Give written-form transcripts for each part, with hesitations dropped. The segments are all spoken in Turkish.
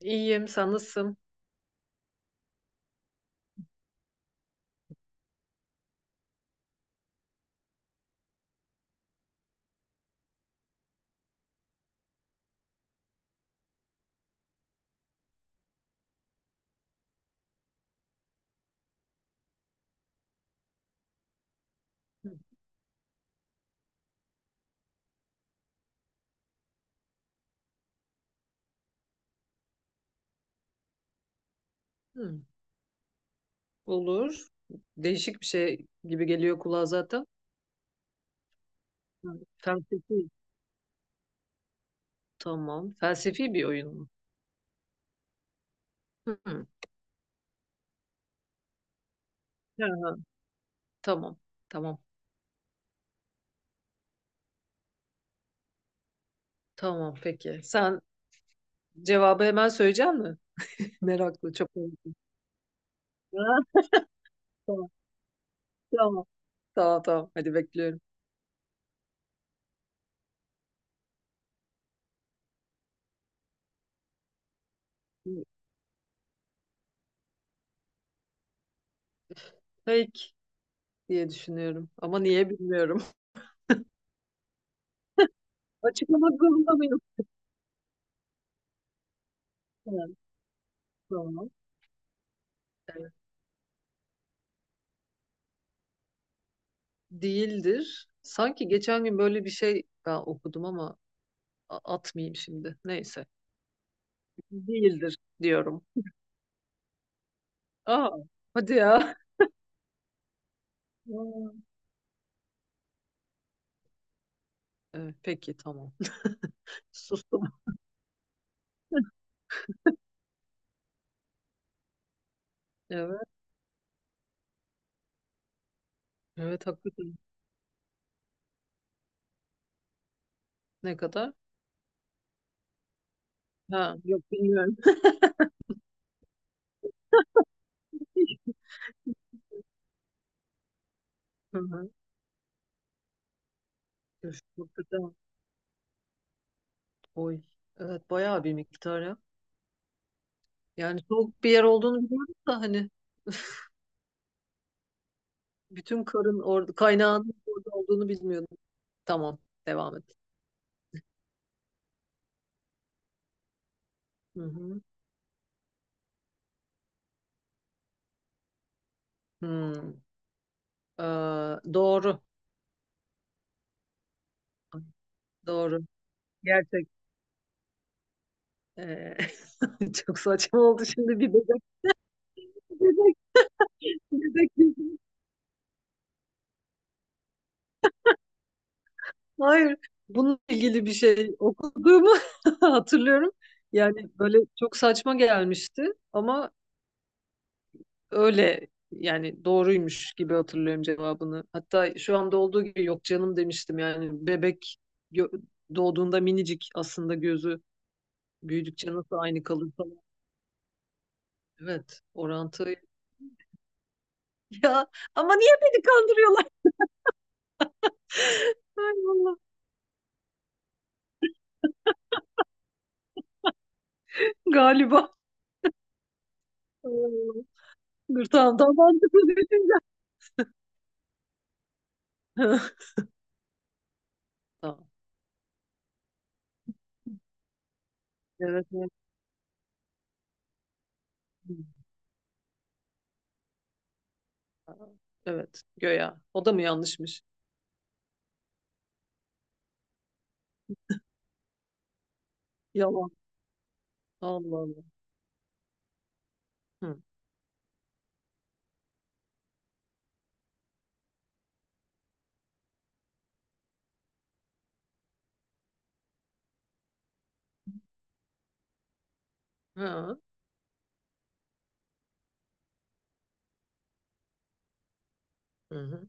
İyiyim, sen nasılsın? Hı, olur. Değişik bir şey gibi geliyor kulağa zaten. Hı, felsefi. Tamam. Felsefi bir oyun mu? Hı. Hı, hı. Tamam. Tamam. Tamam. Peki. Sen cevabı hemen söyleyecek misin? Meraklı çok. Ah, tamam. Tamam. Tamam tamam. Hadi bekliyorum. Fake diye düşünüyorum. Ama niye bilmiyorum. Açıklamak zorunda mıyım? Evet, tamam. Evet. Değildir. Sanki geçen gün böyle bir şey ben okudum ama atmayayım şimdi. Neyse. Değildir diyorum. Aa, hadi ya. Aa. Evet, peki tamam. Sustum. Evet. Evet haklısın. Ne kadar? Ha, yok bilmiyorum. Hı hı. Üf, hakikaten. Oy. Evet bayağı bir miktar ya. Yani soğuk bir yer olduğunu biliyordum da hani bütün karın orada kaynağının orada olduğunu bilmiyordum. Tamam, devam et. Hı hı. Hmm. Ee, doğru, doğru. Gerçek. Ee, çok saçma oldu şimdi bir bebek, bebek, bebek. Yüzü. Hayır, bununla ilgili bir şey okuduğumu hatırlıyorum. Yani böyle çok saçma gelmişti ama öyle yani doğruymuş gibi hatırlıyorum cevabını. Hatta şu anda olduğu gibi yok canım demiştim yani bebek gö- doğduğunda minicik aslında gözü büyüdükçe nasıl aynı kalır falan. Evet orantı. Ya ama niye beni kandırıyorlar? Ay Allah. Galiba. Ay Allah. Dur tamam daha mantıklı düşünce. Tamam. Evet, evet. Aa, evet. Göya. O da mı yanlışmış? Yalan. Allah Allah. Hı. Ha. Hı hı.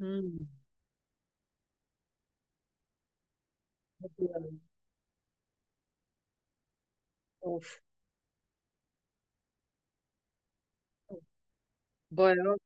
Hı. Hadi ya. Of. Bayağı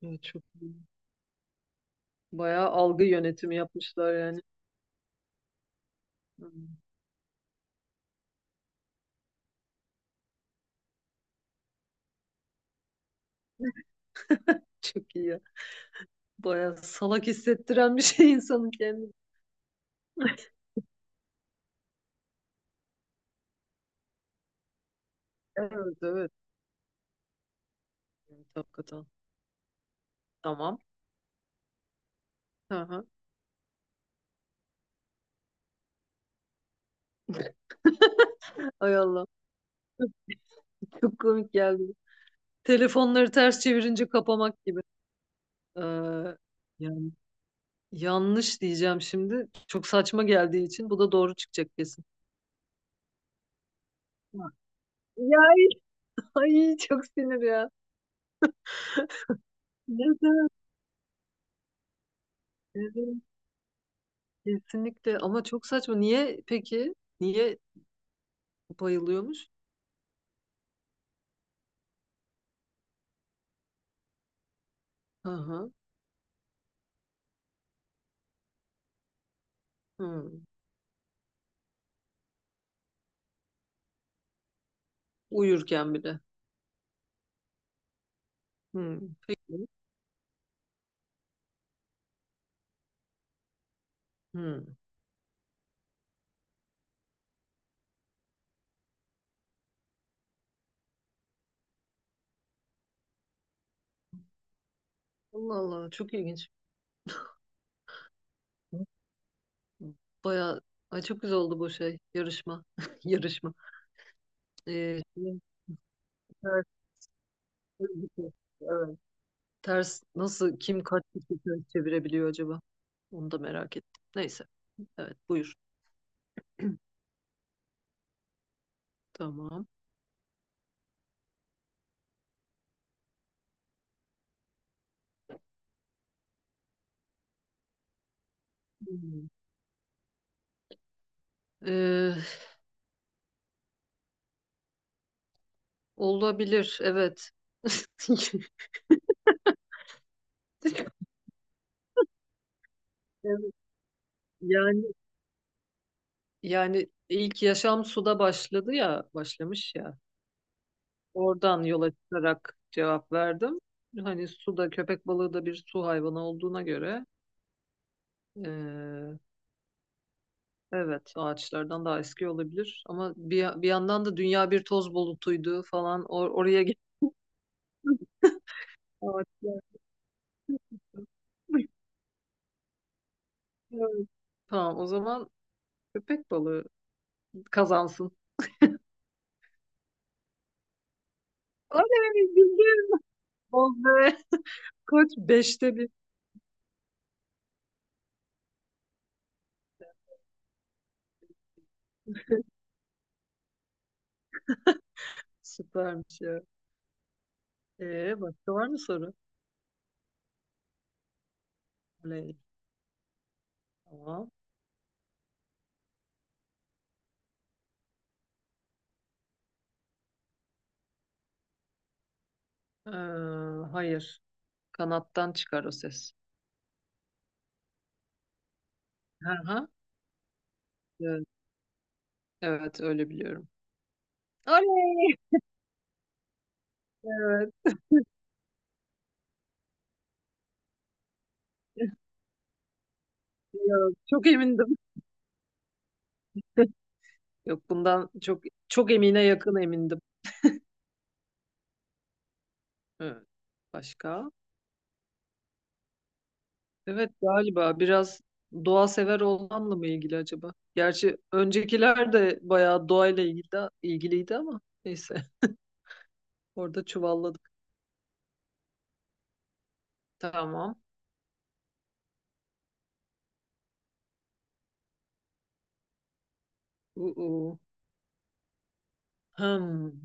ya çok iyi. Bayağı algı yönetimi yapmışlar yani. Hmm, çok iyi ya. Bayağı salak hissettiren bir şey insanın kendini. Evet evet. Evet, hakikaten. Tamam. Hı hı. Ay Allah. Çok komik geldi. Telefonları ters çevirince kapamak gibi. Ee, yani yanlış diyeceğim şimdi. Çok saçma geldiği için bu da doğru çıkacak kesin. Ya ay çok sinir ya. Ne demek? Ne demek? Kesinlikle ama çok saçma. Niye peki? Niye bayılıyormuş? Hı hı. Hı. Uyurken bile. Hı. Peki. Hı. Allah Allah çok ilginç. Baya ay çok güzel oldu bu şey yarışma. Yarışma. Şimdi ters, evet. Ters nasıl kim kaç kişi ters çevirebiliyor acaba? Onu da merak ettim. Neyse. Evet buyur. Tamam. Hmm. Ee, olabilir evet. Evet, yani yani ilk yaşam suda başladı ya, başlamış ya. Oradan yola çıkarak cevap verdim. Hani suda köpek balığı da bir su hayvanı olduğuna göre eee, evet ağaçlardan daha eski olabilir. Ama bir yandan da dünya bir toz bulutuydu falan. Oraya gittim. Ağaçlar. Evet. Tamam o zaman köpek balığı kazansın. Oley bildim. Oley. Koç beşte bir. Süpermiş ya. Başka var mı soru? Oley. Tamam. Ee, hayır. Kanattan çıkar o ses. Hı hı. Evet, evet, öyle biliyorum. Oley! Evet. Yok, çok emindim. Yok bundan çok çok emine yakın emindim. Evet. Başka? Evet galiba biraz doğa sever olmamla mı ilgili acaba? Gerçi öncekiler de bayağı doğayla ilgiliydi ama neyse orada çuvalladık. Tamam. Uu. Hmm.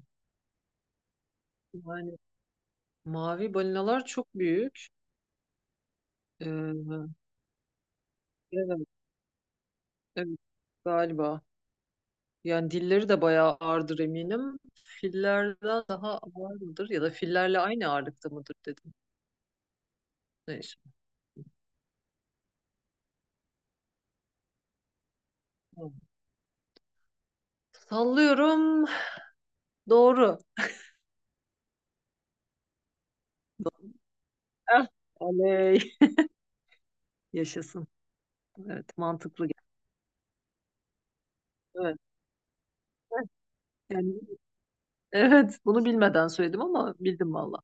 Yani mavi balinalar çok büyük. Ee, evet, evet galiba. Yani dilleri de bayağı ağırdır eminim. Fillerden daha ağır mıdır ya da fillerle aynı ağırlıkta mıdır dedim. Neyse. Tamam. Sallıyorum. Doğru. Eh, oley. Yaşasın. Evet mantıklı geldi. Evet. Eh, yani, evet bunu bilmeden söyledim ama bildim valla.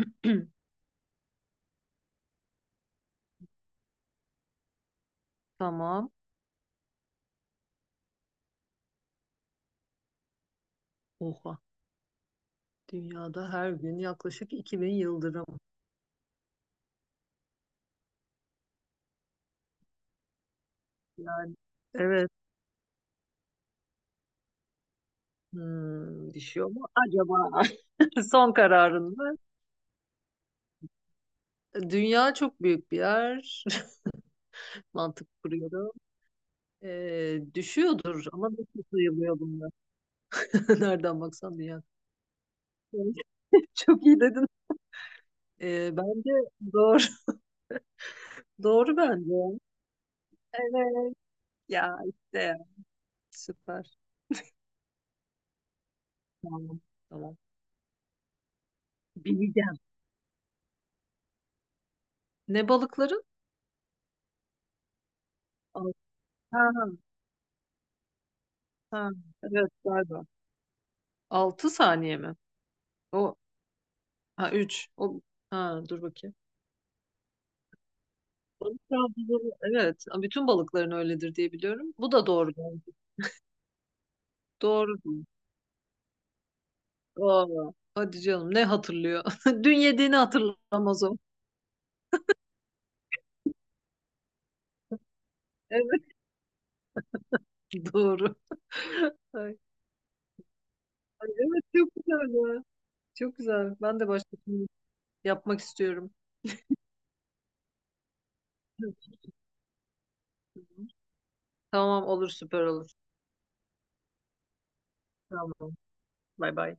Tamam. Oha. Dünyada her gün yaklaşık 2000 yıldırım. Yani evet. Düşüyor mu acaba? Son kararın mı? Dünya çok büyük bir yer. Mantık kuruyorum. Düşüyordur ama nasıl sayılıyor bunlar? Nereden baksan dünya. Çok iyi dedin. Bence doğru. Doğru bence. Evet. Ya işte ya. Süper. Tamam. Tamam. Bileceğim. Ne balıkların? Al- Ha, ha. Evet galiba. 6 saniye mi? O ha 3. O ha dur bakayım. Balık avcıları, evet. Bütün balıkların öyledir diye biliyorum. Bu da doğru bence. Doğru. Aa, hadi canım ne hatırlıyor? Dün yediğini hatırlamaz o. Evet doğru. Ay, ay, evet çok güzel ya. Çok güzel. Ben de başka bir şey yapmak istiyorum. Tamam olur, süper olur. Tamam. Bay bay.